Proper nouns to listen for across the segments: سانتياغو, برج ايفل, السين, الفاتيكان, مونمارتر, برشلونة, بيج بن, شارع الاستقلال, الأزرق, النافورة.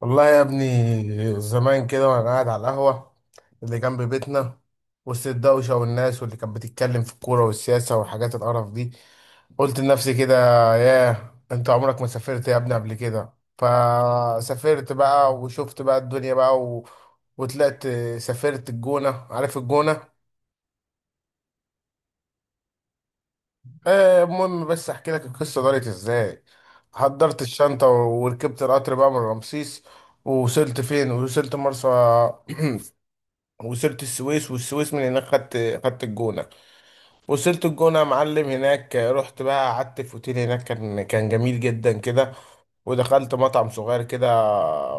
والله يا ابني، زمان كده وانا قاعد على القهوة اللي جنب بيتنا، وسط الدوشة والناس، واللي كانت بتتكلم في الكورة والسياسة والحاجات القرف دي، قلت لنفسي كده: ياه، انت عمرك ما سافرت يا ابني قبل كده. فسافرت بقى وشفت بقى الدنيا بقى وطلعت. سافرت الجونة، عارف الجونة؟ آه، المهم بس احكي لك القصة دارت ازاي. حضرت الشنطة وركبت القطر بقى من رمسيس، ووصلت فين؟ وصلت مرسى، وصلت السويس، والسويس من هناك خدت الجونة. وصلت الجونة يا معلم، هناك رحت بقى قعدت في اوتيل هناك، كان جميل جدا كده. ودخلت مطعم صغير كده،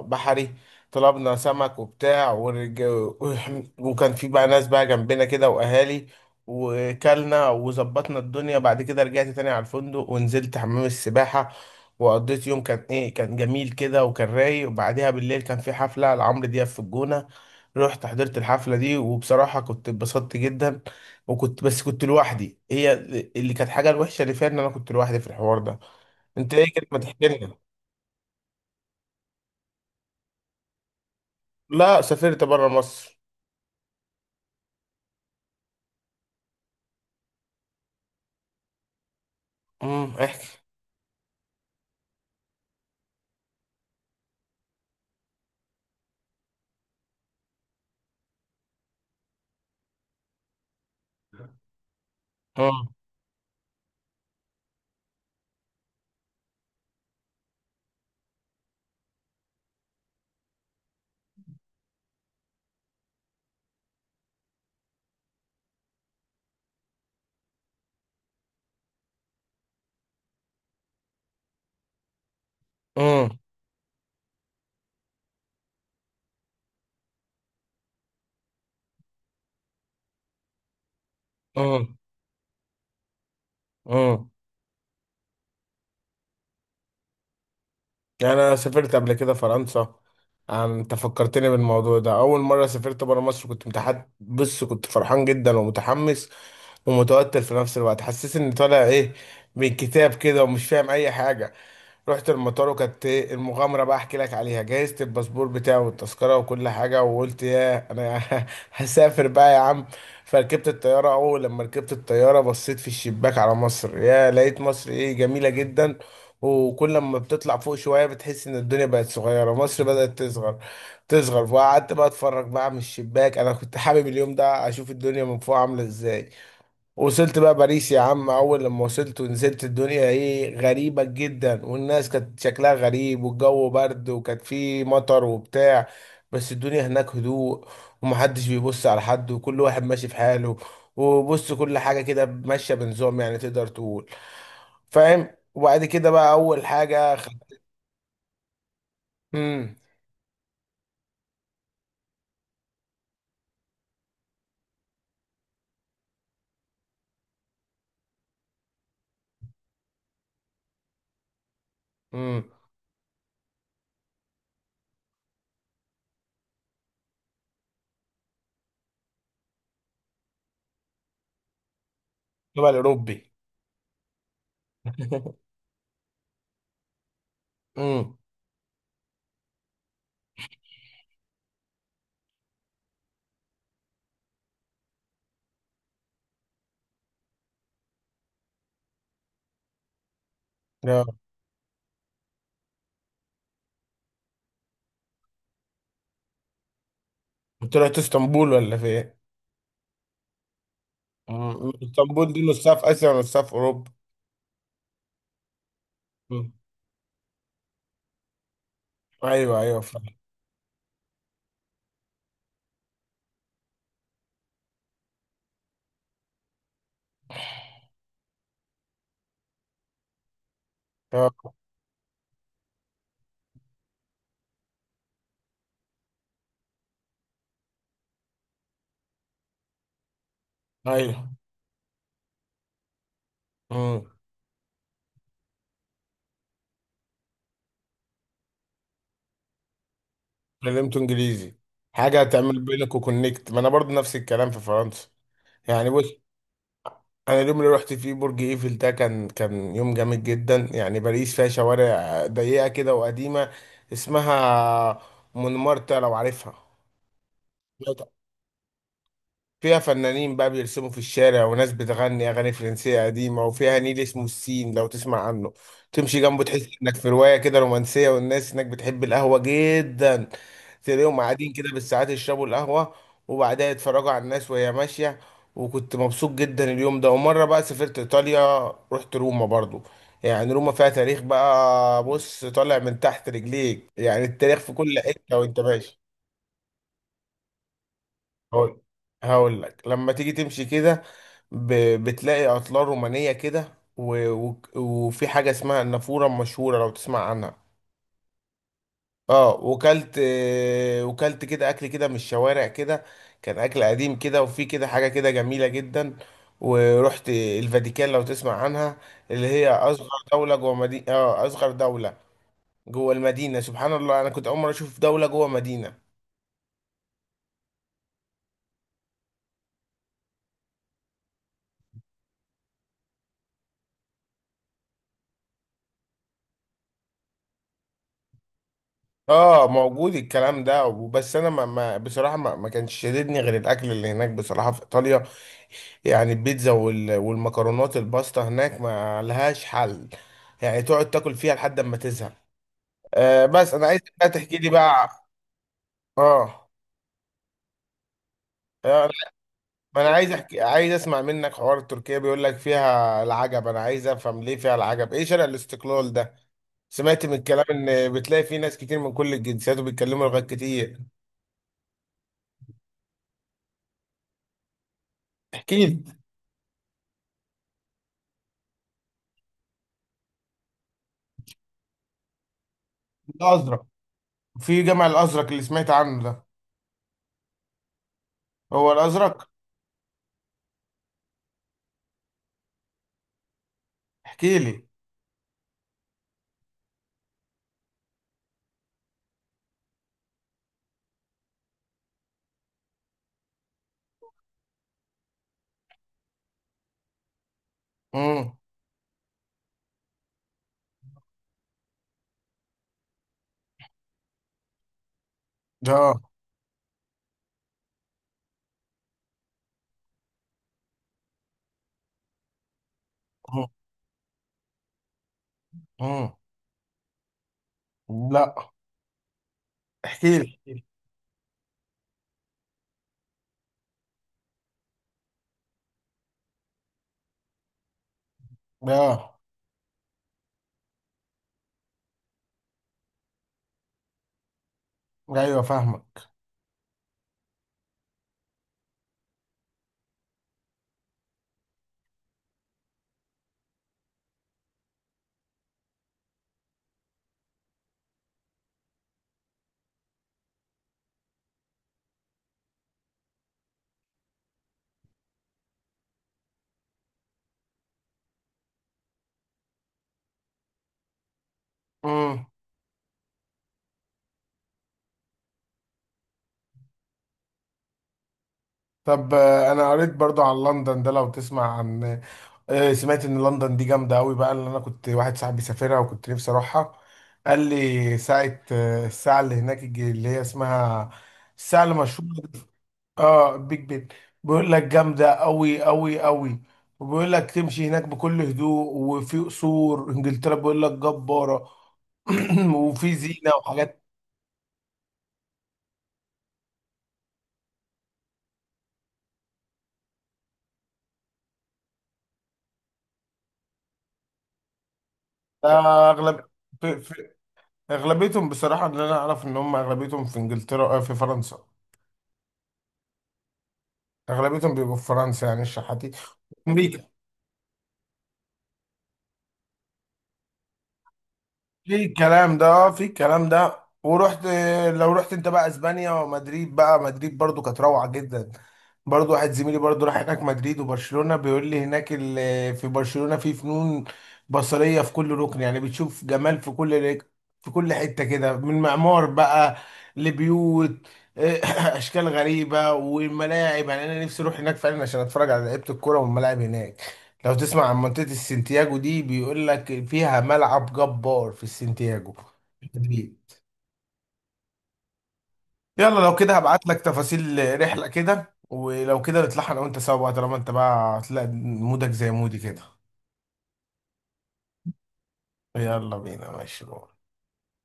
بحري، طلبنا سمك وبتاع وكان في بقى ناس بقى جنبنا كده وأهالي، وكلنا وظبطنا الدنيا. بعد كده رجعت تاني على الفندق، ونزلت حمام السباحة، وقضيت يوم كان ايه، كان جميل كده وكان رايق. وبعديها بالليل كان في حفلة لعمرو دياب في الجونة، رحت حضرت الحفلة دي وبصراحة كنت اتبسطت جدا. وكنت بس كنت لوحدي، هي اللي كانت حاجة الوحشة اللي فيها، ان انا كنت لوحدي في الحوار ده. انت ايه كده، ما تحكي لنا. لا، سافرت بره مصر. امم، احكي. امم. امم. امم. يعني انا سافرت قبل كده فرنسا، يعني انت فكرتني بالموضوع ده. اول مره سافرت برا مصر كنت متحد، بص، كنت فرحان جدا ومتحمس ومتوتر في نفس الوقت. حسيت اني طالع ايه، من كتاب كده، ومش فاهم اي حاجه. رحت المطار وكانت إيه المغامره بقى، احكي لك عليها. جهزت الباسبور بتاعي والتذكره وكل حاجه، وقلت يا انا هسافر بقى يا عم. فركبت الطياره، اول لما ركبت الطياره بصيت في الشباك على مصر، يا لقيت مصر ايه، جميله جدا. وكل ما بتطلع فوق شوية، بتحس إن الدنيا بقت صغيرة، مصر بدأت تصغر. وقعدت بقى أتفرج بقى من الشباك، أنا كنت حابب اليوم ده أشوف الدنيا من فوق عاملة إزاي. وصلت بقى باريس يا عم، اول لما وصلت ونزلت، الدنيا ايه، غريبة جدا، والناس كانت شكلها غريب، والجو برد وكانت فيه مطر وبتاع. بس الدنيا هناك هدوء، ومحدش بيبص على حد، وكل واحد ماشي في حاله. وبص، كل حاجة كده ماشية بنظام، يعني تقدر تقول، فاهم. وبعد كده بقى اول حاجة امم. امم. بقى الاوروبي. امم. يا. طلعت اسطنبول ولا فين؟ مم. اسطنبول دي نصها في اسيا ونصها في اوروبا. ايوه ايوه، فعلا. آه، ايوه. امم. اتكلمت انجليزي، حاجه هتعمل بينك وكونكت. ما انا برضو نفس الكلام في فرنسا، يعني بص، انا اليوم اللي رحت فيه برج ايفل ده كان يوم جامد جدا. يعني باريس فيها شوارع ضيقه كده وقديمه، اسمها مونمارتر لو عارفها. فيها فنانين بقى بيرسموا في الشارع، وناس بتغني أغاني فرنسية قديمة، وفيها نيل اسمه السين لو تسمع عنه. تمشي جنبه تحس إنك في رواية كده رومانسية. والناس هناك بتحب القهوة جدا، تلاقيهم قاعدين كده بالساعات يشربوا القهوة، وبعدها يتفرجوا على الناس وهي ماشية. وكنت مبسوط جدا اليوم ده. ومرة بقى سافرت إيطاليا، رحت روما برضو. يعني روما فيها تاريخ بقى، بص، طالع من تحت رجليك، يعني التاريخ في كل حتة وانت ماشي. هقول هقول لك، لما تيجي تمشي كده، ب... بتلاقي اطلال رومانيه كده وفي حاجه اسمها النافوره المشهوره لو تسمع عنها. اه، وكلت، آه، وكلت كده اكل كده من الشوارع كده، كان اكل قديم كده، وفي كده حاجه كده جميله جدا. ورحت الفاتيكان لو تسمع عنها، اللي هي اصغر دوله جوه مدينه. اه، اصغر دوله جوه المدينه، سبحان الله، انا كنت اول مره اشوف دوله جوه مدينه. اه، موجود الكلام ده. بس انا ما بصراحه ما كانش شددني غير الاكل اللي هناك، بصراحه في ايطاليا، يعني البيتزا والمكرونات الباستا هناك ما لهاش حل، يعني تقعد تاكل فيها لحد ما تزهق. آه بس انا عايز بقى تحكي لي بقى. اه. آه، ما انا عايز احكي، عايز اسمع منك حوار تركيا، بيقول لك فيها العجب، انا عايز افهم ليه فيها العجب، ايه شارع الاستقلال ده؟ سمعت من الكلام ان بتلاقي فيه ناس كتير من كل الجنسيات وبيتكلموا لغات كتير. احكي لي. ده ازرق، في جامع الازرق اللي سمعت عنه ده؟ هو الازرق؟ احكي لي. امم. ده. امم. لا. احكي لي. ده. ايوه، فاهمك. امم. طب آه، انا قريت برضو عن لندن ده لو تسمع عن. آه، سمعت ان لندن دي جامده قوي بقى، اللي انا كنت واحد صاحبي سافرها وكنت نفسي اروحها. قال لي ساعه، آه، الساعه اللي هناك، اللي هي اسمها الساعه المشهوره. اه، بيج بن. بيقول لك جامده قوي قوي قوي. وبيقول لك تمشي هناك بكل هدوء. وفي قصور انجلترا بيقول لك جباره، وفي زينه وحاجات. آه، اغلب، في اغلبيتهم بصراحه، اللي انا اعرف ان هم اغلبيتهم في انجلترا. آه، في فرنسا، اغلبيتهم بيبقوا في فرنسا، يعني الشحاتين. في الكلام ده، اه، في الكلام ده. ورحت، لو رحت انت بقى اسبانيا ومدريد بقى، مدريد برضو كانت روعة جدا. برضو واحد زميلي برضو راح هناك مدريد وبرشلونة. بيقول لي هناك في برشلونة في فنون بصرية في كل ركن، يعني بتشوف جمال في كل في كل حتة كده، من معمار بقى لبيوت، اشكال غريبة. والملاعب، يعني انا نفسي اروح هناك فعلا عشان اتفرج على لعيبة الكورة والملاعب هناك. لو تسمع عن منطقة السنتياجو دي، بيقول لك فيها ملعب جبار في السنتياجو. جميل. يلا، لو كده هبعت لك تفاصيل رحلة كده، ولو كده نطلعها انا وانت سوا بقى، طالما انت بقى هتلاقي مودك زي مودي كده. يلا بينا، ماشي.